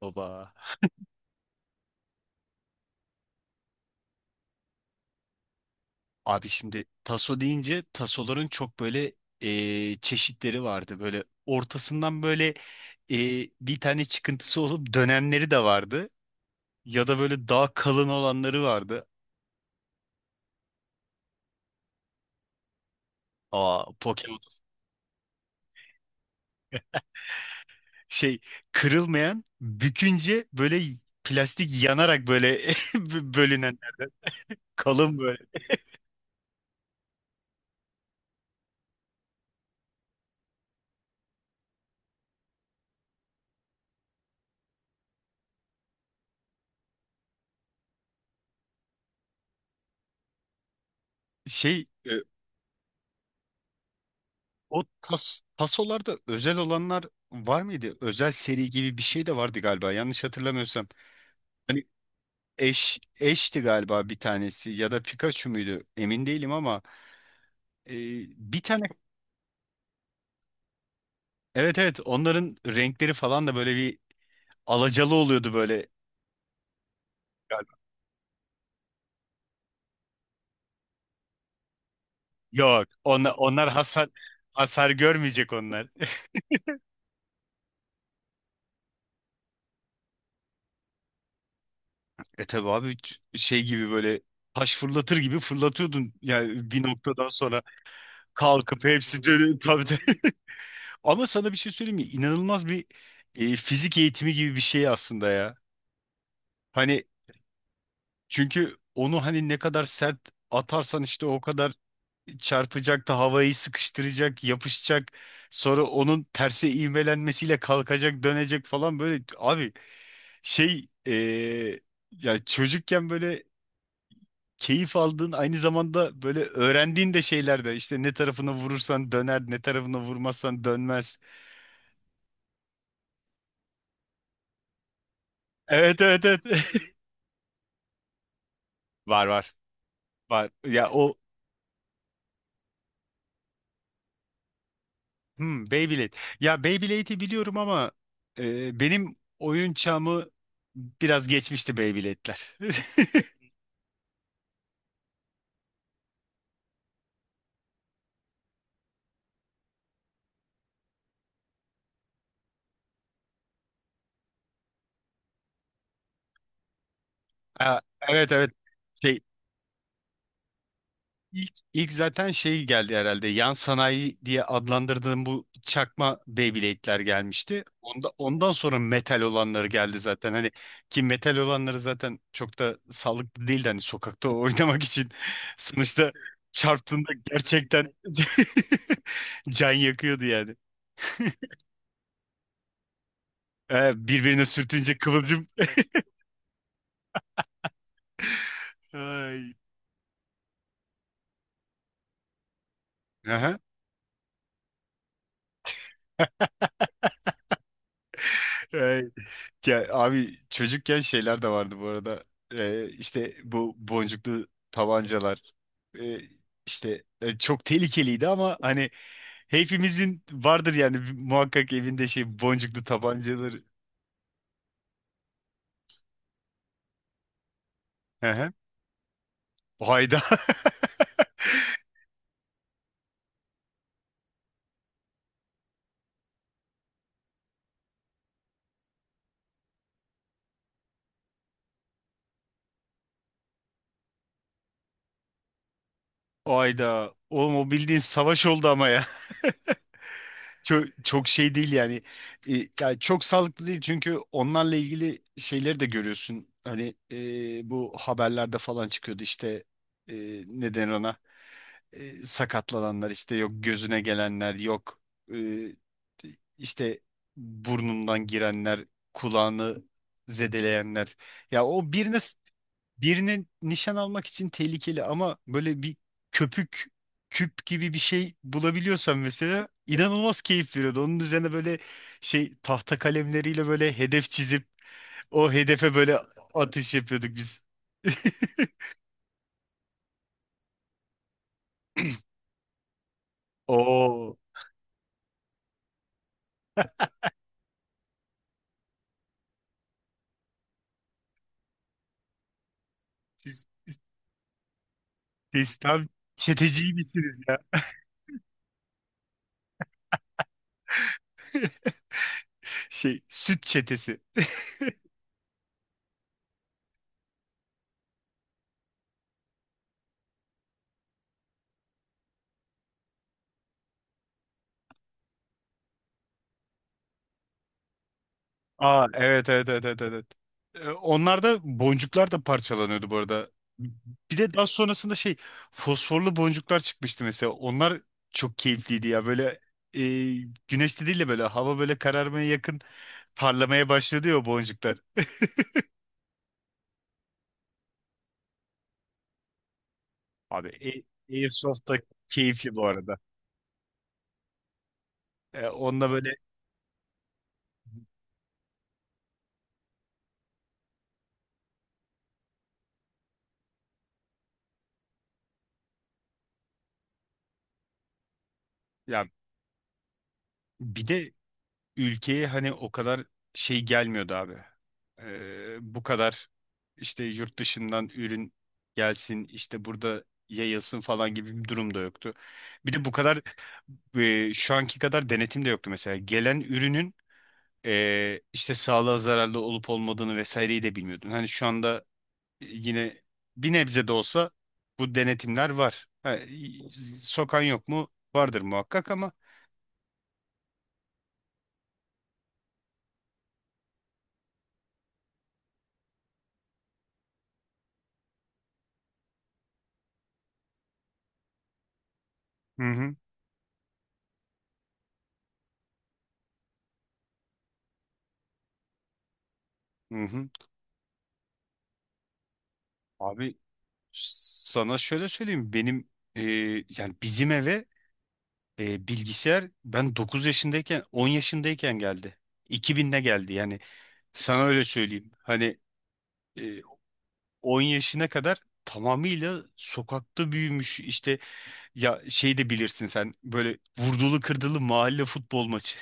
Baba. Abi şimdi taso deyince tasoların çok böyle çeşitleri vardı. Böyle ortasından böyle bir tane çıkıntısı olup dönenleri de vardı. Ya da böyle daha kalın olanları vardı. Aa, Pokemon. Şey, kırılmayan bükünce böyle plastik yanarak böyle bölünenlerden. Kalın böyle. Şey, o tasolarda özel olanlar var mıydı? Özel seri gibi bir şey de vardı galiba, yanlış hatırlamıyorsam. Hani, eşti galiba bir tanesi ya da Pikachu muydu emin değilim ama e, bir tane. Evet, evet, onların renkleri falan da böyle bir alacalı oluyordu böyle galiba. Yok, onlar hasar görmeyecek onlar. E tabi abi, şey gibi böyle taş fırlatır gibi fırlatıyordun yani bir noktadan sonra kalkıp hepsi dönüyor tabii de. Ama sana bir şey söyleyeyim mi? İnanılmaz bir fizik eğitimi gibi bir şey aslında ya. Hani, çünkü onu hani ne kadar sert atarsan işte o kadar çarpacak da havayı sıkıştıracak, yapışacak. Sonra onun terse ivmelenmesiyle kalkacak, dönecek falan böyle. Abi şey, ya çocukken böyle keyif aldığın aynı zamanda böyle öğrendiğin de şeyler de işte ne tarafına vurursan döner, ne tarafına vurmazsan dönmez. Evet, evet, evet. Var, var. Var. Ya o. Hmm, Beyblade. Ya Beyblade'i biliyorum ama benim oyun çağımı biraz geçmişti Beyblade'ler. Ha, evet, evet. Şey, ilk zaten şey geldi herhalde. Yan sanayi diye adlandırdığım bu çakma Beyblade'ler gelmişti. Ondan sonra metal olanları geldi zaten. Hani ki metal olanları zaten çok da sağlıklı değildi hani sokakta oynamak için. Sonuçta çarptığında gerçekten can yakıyordu yani. Birbirine sürtünce kıvılcım. Ay. Aha. Ay. Ya, abi çocukken şeyler de vardı bu arada. İşte bu boncuklu tabancalar. Ee, işte çok tehlikeliydi ama hani hepimizin vardır yani muhakkak evinde şey boncuklu tabancaları. Aha. Hayda. Hayda. Oğlum, o bildiğin savaş oldu ama ya. Çok, çok şey değil yani. E, Yani çok sağlıklı değil çünkü onlarla ilgili şeyleri de görüyorsun. Hani bu haberlerde falan çıkıyordu işte e, neden ona. Sakatlananlar işte, yok gözüne gelenler, yok e, işte burnundan girenler, kulağını zedeleyenler. Ya o birine nişan almak için tehlikeli ama böyle bir köpük küp gibi bir şey bulabiliyorsan mesela inanılmaz keyif veriyordu. Onun üzerine böyle şey tahta kalemleriyle böyle hedef çizip o hedefe böyle atış yapıyorduk biz. Oo, siz, siz tam çeteci misiniz ya? Şey, süt çetesi. Aa, evet, evet, evet, evet, evet. Onlar da boncuklar da parçalanıyordu bu arada. Bir de daha sonrasında şey fosforlu boncuklar çıkmıştı mesela. Onlar çok keyifliydi ya, böyle e, güneşli değil de böyle hava böyle kararmaya yakın parlamaya başladı ya o boncuklar. Abi, Airsoft da keyifli bu arada. Onunla böyle, ya bir de ülkeye hani o kadar şey gelmiyordu abi. Bu kadar işte yurt dışından ürün gelsin işte burada yayılsın falan gibi bir durum da yoktu. Bir de bu kadar şu anki kadar denetim de yoktu mesela. Gelen ürünün işte sağlığa zararlı olup olmadığını vesaireyi de bilmiyordun. Hani şu anda yine bir nebze de olsa bu denetimler var. Ha, sokan yok mu? Vardır muhakkak ama. Hı hı. Hı hı. Abi, sana şöyle söyleyeyim, benim e, yani bizim eve bilgisayar ben 9 yaşındayken, 10 yaşındayken geldi. 2000'de geldi yani, sana öyle söyleyeyim. Hani e, 10 yaşına kadar tamamıyla sokakta büyümüş işte, ya şey de bilirsin sen, böyle vurdulu kırdılı mahalle futbol maçı.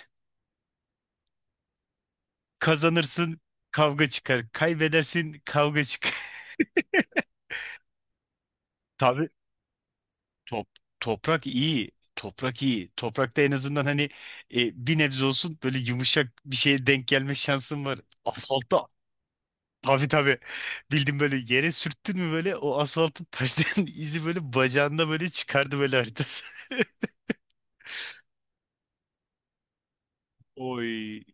Kazanırsın, kavga çıkar, kaybedersin, kavga çıkar. Tabii. Top, toprak iyi. Toprak iyi. Toprakta en azından hani bir nebze olsun böyle yumuşak bir şeye denk gelme şansın var. Asfaltta, tabii, tabii. Bildim, böyle yere sürttün mü böyle o asfaltın taşların izi böyle bacağında böyle çıkardı böyle, haritası. Oy.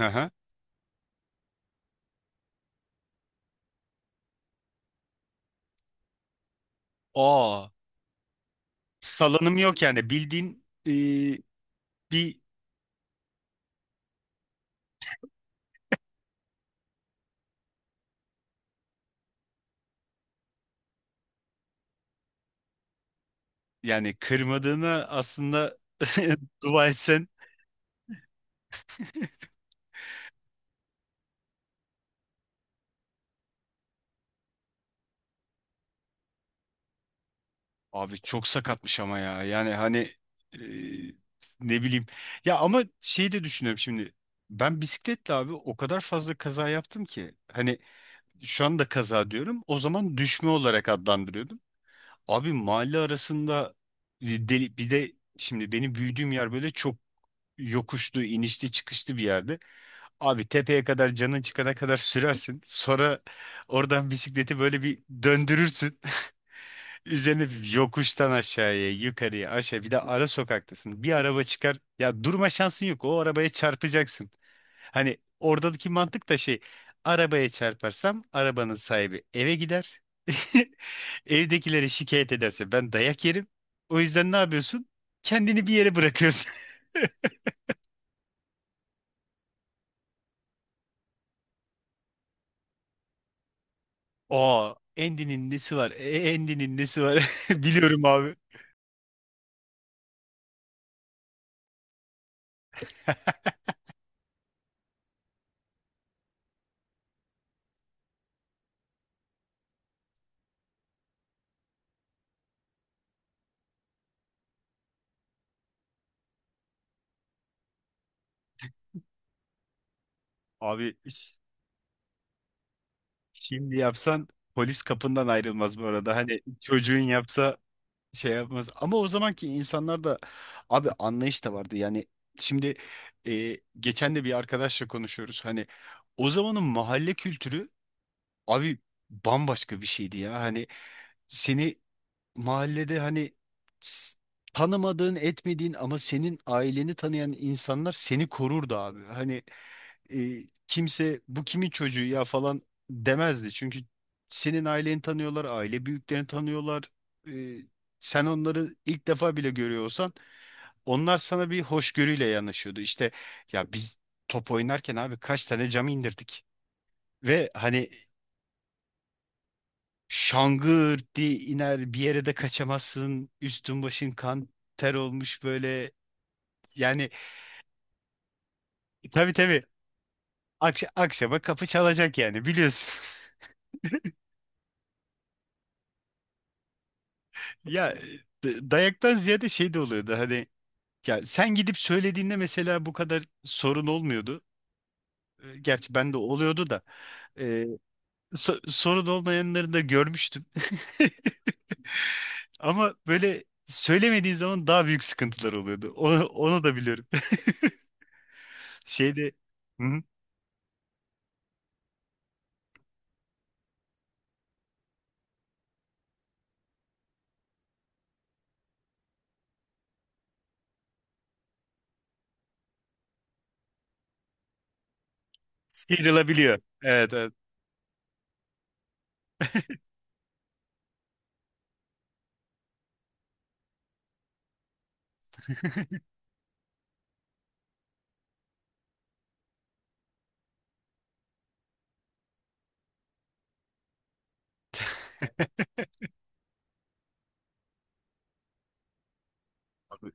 Aha. Aa. Salanım yok yani, bildiğin bir yani, kırmadığına aslında dua etsen. Abi çok sakatmış ama ya. Yani hani e, ne bileyim. Ya ama şeyi de düşünüyorum şimdi. Ben bisikletle abi o kadar fazla kaza yaptım ki. Hani şu anda kaza diyorum. O zaman düşme olarak adlandırıyordum. Abi mahalle arasında deli, bir de şimdi benim büyüdüğüm yer böyle çok yokuşlu, inişli, çıkışlı bir yerde. Abi tepeye kadar canın çıkana kadar sürersin. Sonra oradan bisikleti böyle bir döndürürsün. Üzerine yokuştan aşağıya, yukarıya, aşağı, bir de ara sokaktasın. Bir araba çıkar. Ya, durma şansın yok. O arabaya çarpacaksın. Hani oradaki mantık da şey. Arabaya çarparsam arabanın sahibi eve gider. Evdekileri şikayet ederse ben dayak yerim. O yüzden ne yapıyorsun? Kendini bir yere bırakıyorsun. Aa, Andy'nin nesi var? E, Andy'nin nesi var? Biliyorum abi. Abi, şimdi yapsan polis kapından ayrılmaz bu arada. Hani çocuğun yapsa şey yapmaz. Ama o zamanki insanlar da abi, anlayış da vardı. Yani şimdi, geçen de bir arkadaşla konuşuyoruz. Hani o zamanın mahalle kültürü abi bambaşka bir şeydi ya. Hani seni mahallede hani, s- tanımadığın etmediğin ama senin aileni tanıyan insanlar seni korurdu abi. Hani e, kimse bu kimin çocuğu ya falan demezdi. Çünkü senin aileni tanıyorlar, aile büyüklerini tanıyorlar. E, Sen onları ilk defa bile görüyorsan onlar sana bir hoşgörüyle yanaşıyordu. İşte ya biz top oynarken abi kaç tane cam indirdik. Ve hani şangır diye iner, bir yere de kaçamazsın. Üstün başın kan ter olmuş böyle. Yani tabii, tabii akşama kapı çalacak yani, biliyorsun. Ya, dayaktan ziyade şey de oluyordu hani, ya sen gidip söylediğinde mesela bu kadar sorun olmuyordu. Gerçi ben de oluyordu da, e, sorun olmayanları da görmüştüm. Ama böyle söylemediğin zaman daha büyük sıkıntılar oluyordu. Onu da biliyorum. Şeyde. Hı-hı. Sıyrılabiliyor. Evet, evet. Tabii,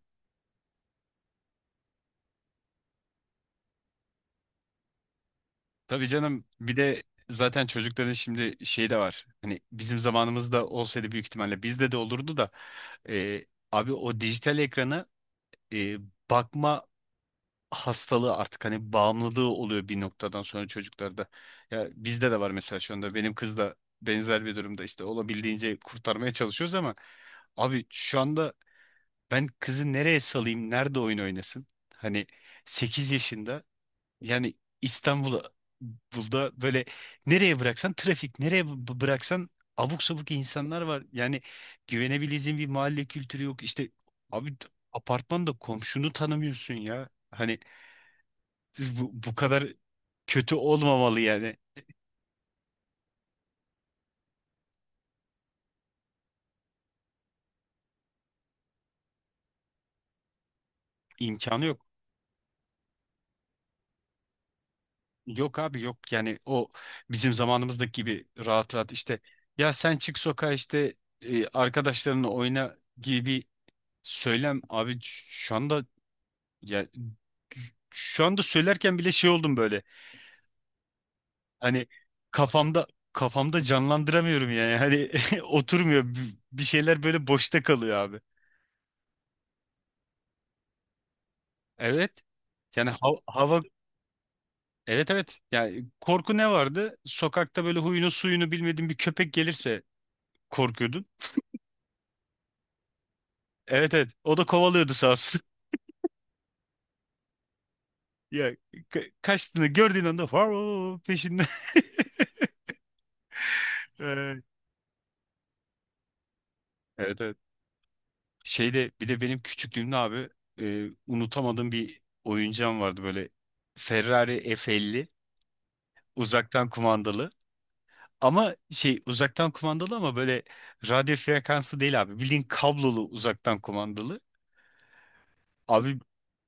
tabii canım, bir de zaten çocukların şimdi şey de var. Hani bizim zamanımızda olsaydı büyük ihtimalle bizde de olurdu da, e, abi o dijital ekrana e, bakma hastalığı artık, hani bağımlılığı oluyor bir noktadan sonra çocuklarda. Ya bizde de var mesela, şu anda benim kız da benzer bir durumda, işte olabildiğince kurtarmaya çalışıyoruz ama abi şu anda ben kızı nereye salayım, nerede oyun oynasın? Hani 8 yaşında yani, İstanbul'da Bulda böyle, nereye bıraksan trafik, nereye bıraksan abuk sabuk insanlar var. Yani güvenebileceğin bir mahalle kültürü yok. İşte abi, apartmanda komşunu tanımıyorsun ya. Hani, siz bu kadar kötü olmamalı yani. İmkanı yok. Yok abi, yok. Yani o bizim zamanımızdaki gibi rahat rahat işte, ya sen çık sokağa işte, arkadaşlarınla oyna gibi bir söylem abi şu anda. Ya, şu anda söylerken bile şey oldum böyle. Hani kafamda kafamda canlandıramıyorum yani. Hani oturmuyor. Bir şeyler böyle boşta kalıyor abi. Evet. Yani hava, evet, evet. Yani, korku ne vardı? Sokakta böyle huyunu suyunu bilmediğin bir köpek gelirse korkuyordun. Evet, evet. O da kovalıyordu sağ olsun. Ya, kaçtığını gördüğün anda var o peşinde. Evet, evet. Şeyde bir de benim küçüklüğümde abi, unutamadığım bir oyuncağım vardı böyle, Ferrari F50, uzaktan kumandalı. Ama şey, uzaktan kumandalı ama böyle radyo frekansı değil abi. Bildiğin kablolu uzaktan kumandalı. Abi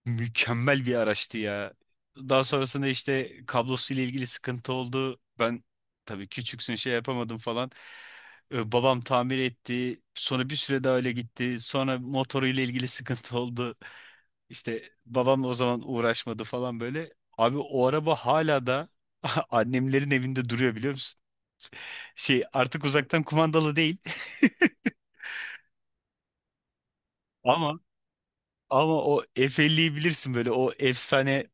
mükemmel bir araçtı ya. Daha sonrasında işte kablosuyla ilgili sıkıntı oldu. Ben, tabii küçüksün, şey yapamadım falan. Babam tamir etti. Sonra bir süre daha öyle gitti. Sonra motoruyla ilgili sıkıntı oldu. İşte babam o zaman uğraşmadı falan böyle. Abi o araba hala da annemlerin evinde duruyor, biliyor musun? Şey, artık uzaktan kumandalı değil ama ama o F50'yi bilirsin, böyle o efsane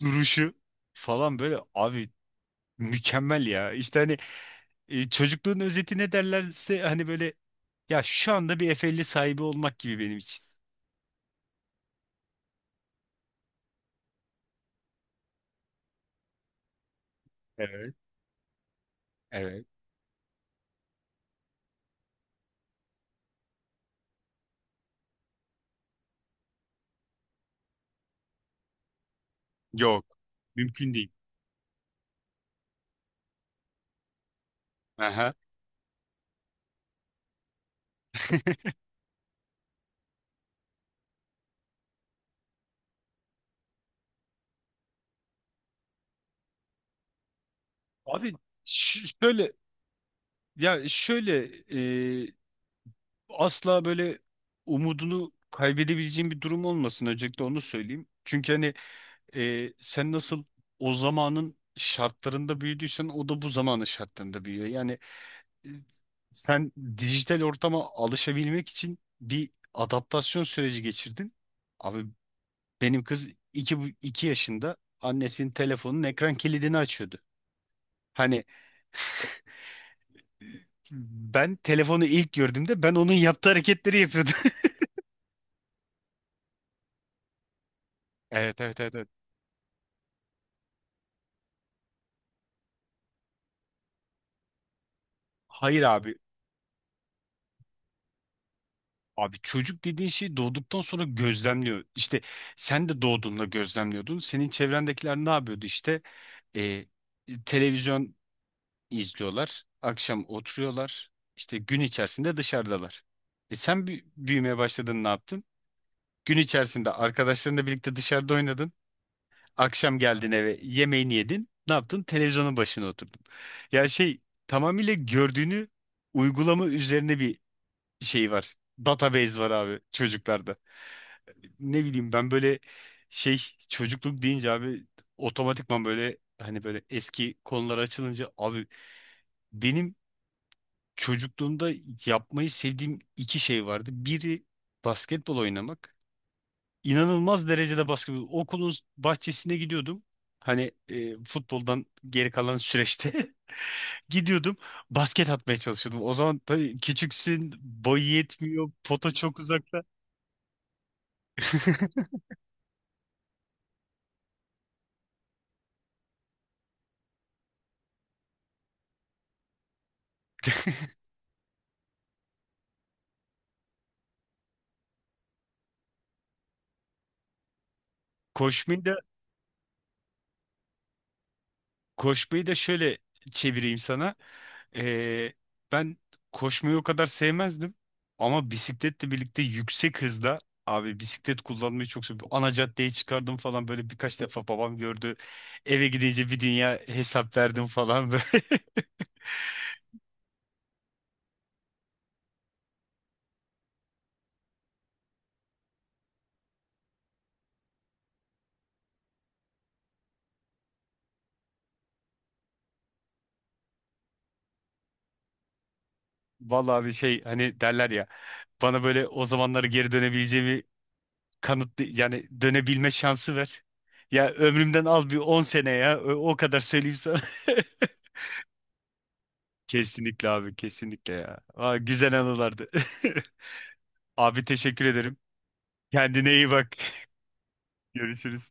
duruşu falan, böyle abi mükemmel ya. İşte hani çocukluğun özeti ne derlerse hani, böyle ya şu anda bir F50 sahibi olmak gibi benim için. Evet, evet. Yok. Mümkün değil. Aha. Abi, şöyle, asla böyle umudunu kaybedebileceğin bir durum olmasın. Öncelikle onu söyleyeyim. Çünkü hani sen nasıl o zamanın şartlarında büyüdüysen o da bu zamanın şartlarında büyüyor. Yani e, sen dijital ortama alışabilmek için bir adaptasyon süreci geçirdin. Abi benim kız 2 yaşında annesinin telefonun ekran kilidini açıyordu. Hani ben telefonu ilk gördüğümde ben onun yaptığı hareketleri yapıyordum. Evet, evet, evet. Evet. Hayır abi. Abi, çocuk dediğin şeyi doğduktan sonra gözlemliyor. İşte sen de doğduğunda gözlemliyordun. Senin çevrendekiler ne yapıyordu işte? Ee, Televizyon izliyorlar. Akşam oturuyorlar. İşte gün içerisinde dışarıdalar. E, sen büyümeye başladın, ne yaptın? Gün içerisinde arkadaşlarınla birlikte dışarıda oynadın. Akşam geldin eve, yemeğini yedin. Ne yaptın? Televizyonun başına oturdun. Ya şey, tamamıyla gördüğünü uygulama üzerine bir şey var. Database var abi, çocuklarda ne bileyim ben, böyle şey, çocukluk deyince abi otomatikman böyle, hani böyle eski konular açılınca abi, benim çocukluğumda yapmayı sevdiğim iki şey vardı. Biri basketbol oynamak. İnanılmaz derecede basketbol. Okulun bahçesine gidiyordum. Hani futboldan geri kalan süreçte gidiyordum. Basket atmaya çalışıyordum. O zaman tabii küçüksün, boyu yetmiyor, pota çok uzakta. Koşmayı da koşmayı da şöyle çevireyim sana. Ee, Ben koşmayı o kadar sevmezdim. Ama bisikletle birlikte yüksek hızda abi, bisiklet kullanmayı çok seviyorum. Ana caddeye çıkardım falan böyle, birkaç defa babam gördü. Eve gidince bir dünya hesap verdim falan böyle. Vallahi bir şey, hani derler ya, bana böyle o zamanlara geri dönebileceğimi kanıt, yani dönebilme şansı ver. Ya ömrümden al bir 10 sene ya. O kadar söyleyeyim sana. Kesinlikle abi, kesinlikle ya. Aa, güzel anılardı. Abi, teşekkür ederim. Kendine iyi bak. Görüşürüz.